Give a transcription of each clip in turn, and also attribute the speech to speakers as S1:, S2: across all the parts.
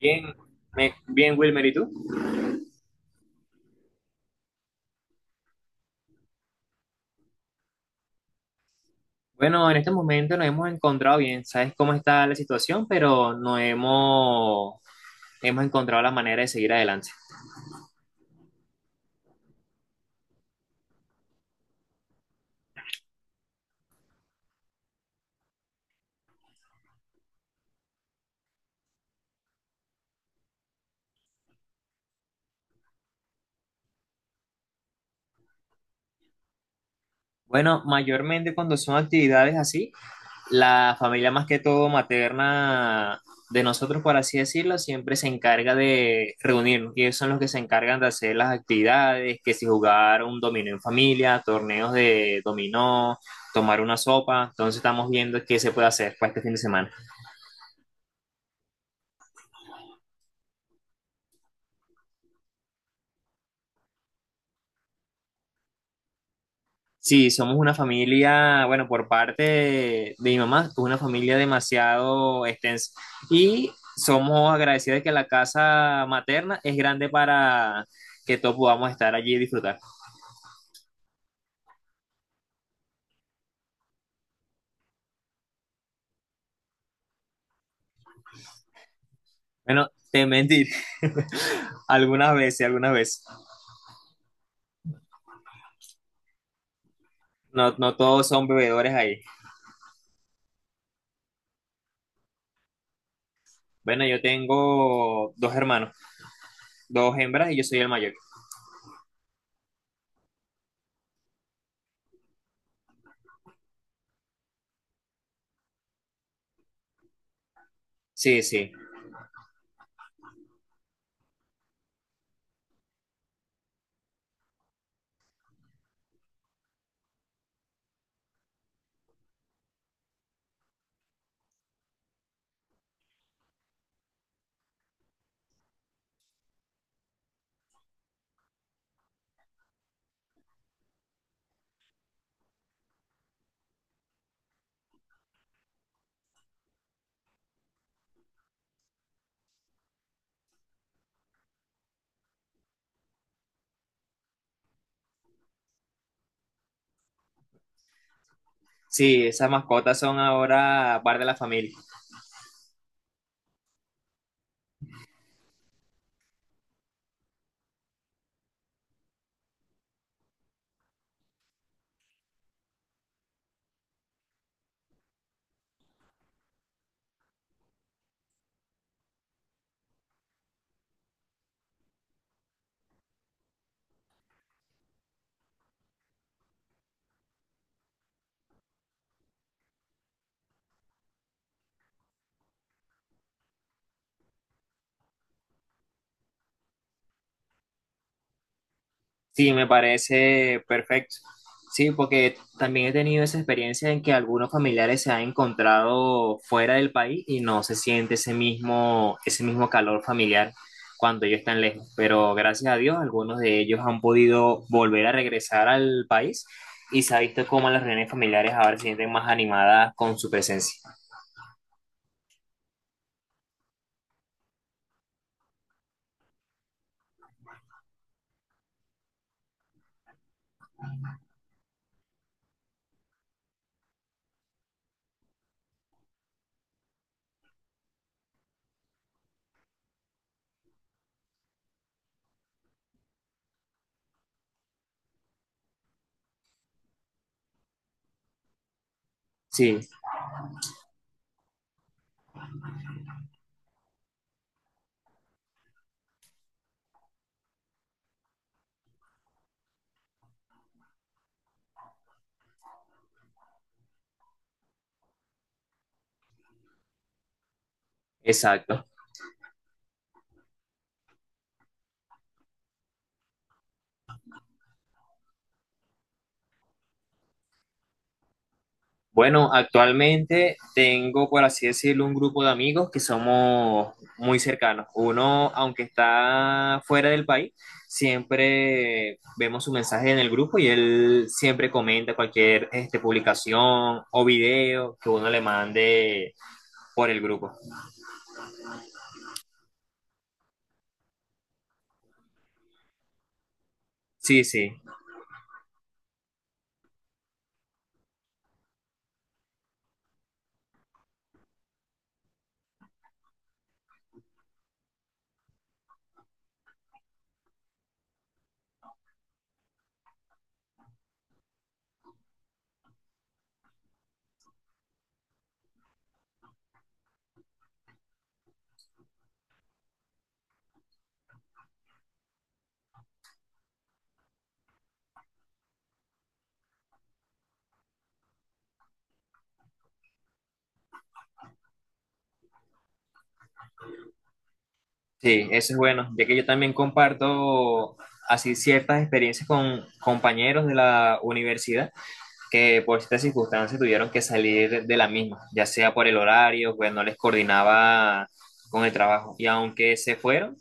S1: Bien, bien, Wilmer, ¿y tú? Bueno, en este momento nos hemos encontrado bien, sabes cómo está la situación, pero no hemos, hemos encontrado la manera de seguir adelante. Bueno, mayormente cuando son actividades así, la familia más que todo materna de nosotros, por así decirlo, siempre se encarga de reunirnos y ellos son los que se encargan de hacer las actividades, que si jugar un dominó en familia, torneos de dominó, tomar una sopa, entonces estamos viendo qué se puede hacer para este fin de semana. Sí, somos una familia, bueno, por parte de mi mamá, es una familia demasiado extensa. Y somos agradecidos de que la casa materna es grande para que todos podamos estar allí y disfrutar. Bueno, te mentiré, algunas veces, algunas veces. No, no todos son bebedores ahí. Bueno, yo tengo dos hermanos, dos hembras y yo soy el mayor. Sí, sí. Sí, esas mascotas son ahora parte de la familia. Sí, me parece perfecto. Sí, porque también he tenido esa experiencia en que algunos familiares se han encontrado fuera del país y no se siente ese mismo calor familiar cuando ellos están lejos. Pero gracias a Dios, algunos de ellos han podido volver a regresar al país y se ha visto cómo las reuniones familiares ahora se sienten más animadas con su presencia. Sí, exacto. Bueno, actualmente tengo, por así decirlo, un grupo de amigos que somos muy cercanos. Uno, aunque está fuera del país, siempre vemos su mensaje en el grupo y él siempre comenta cualquier este, publicación o video que uno le mande por el grupo. Sí, sí, sí, eso es bueno, ya que yo también comparto así ciertas experiencias con compañeros de la universidad que por ciertas circunstancias tuvieron que salir de la misma, ya sea por el horario, pues no les coordinaba con el trabajo. Y aunque se fueron,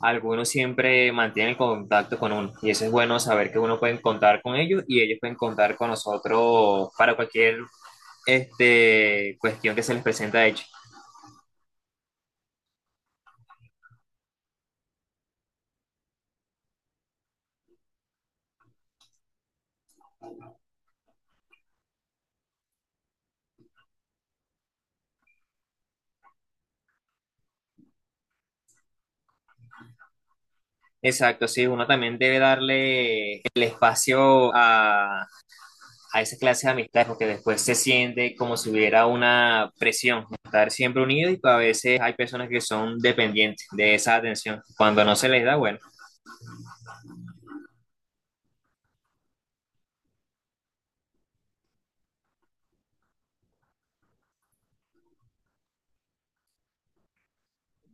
S1: algunos siempre mantienen el contacto con uno. Y eso es bueno saber que uno puede contar con ellos y ellos pueden contar con nosotros para cualquier este, cuestión que se les presenta de hecho. Exacto, sí, uno también debe darle el espacio a esa clase de amistades porque después se siente como si hubiera una presión, estar siempre unidos y a veces hay personas que son dependientes de esa atención. Cuando no se les da, bueno.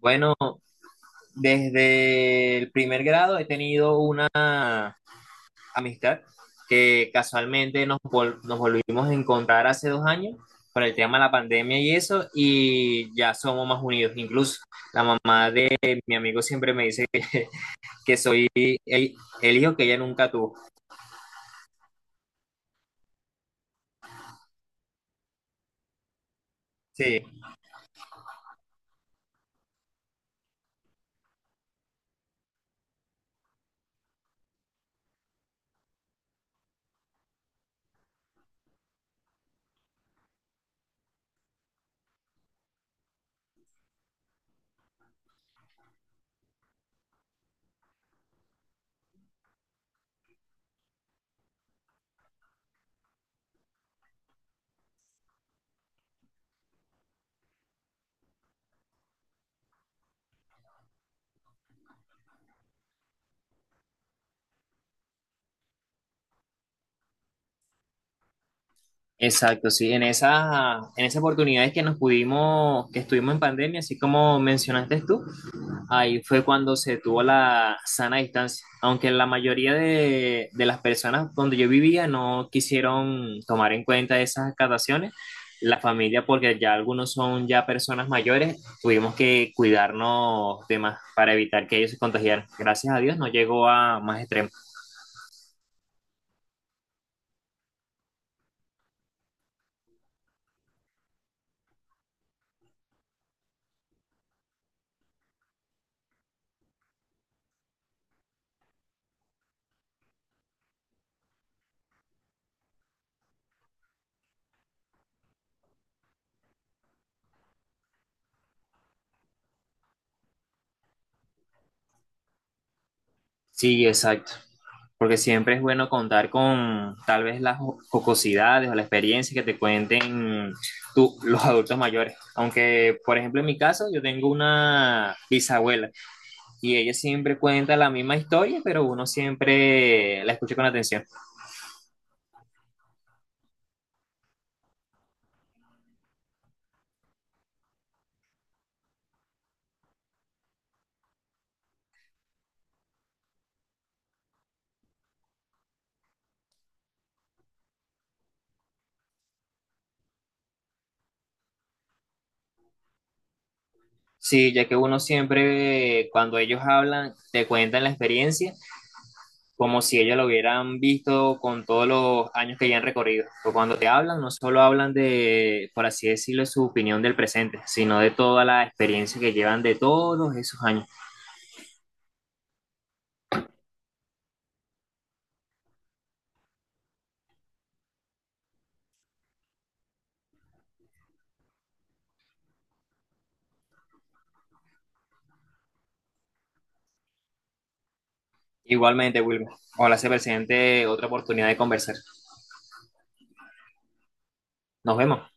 S1: Bueno, desde el primer grado he tenido una amistad que casualmente nos volvimos a encontrar hace 2 años por el tema de la pandemia y eso, y ya somos más unidos. Incluso la mamá de mi amigo siempre me dice que soy el, hijo que ella nunca tuvo. Sí, exacto, sí, en esas oportunidades que que estuvimos en pandemia, así como mencionaste tú, ahí fue cuando se tuvo la sana distancia, aunque la mayoría de las personas donde yo vivía no quisieron tomar en cuenta esas acataciones, la familia, porque ya algunos son ya personas mayores, tuvimos que cuidarnos de más para evitar que ellos se contagiaran. Gracias a Dios no llegó a más extremos. Sí, exacto. Porque siempre es bueno contar con tal vez las jocosidades o la experiencia que te cuenten tú, los adultos mayores. Aunque, por ejemplo, en mi caso, yo tengo una bisabuela y ella siempre cuenta la misma historia, pero uno siempre la escucha con atención. Sí, ya que uno siempre, cuando ellos hablan, te cuentan la experiencia como si ellos lo hubieran visto con todos los años que ya han recorrido. Porque cuando te hablan, no solo hablan de, por así decirlo, su opinión del presente, sino de toda la experiencia que llevan de todos esos años. Igualmente, Wilmer, ojalá se presente otra oportunidad de conversar. Nos vemos.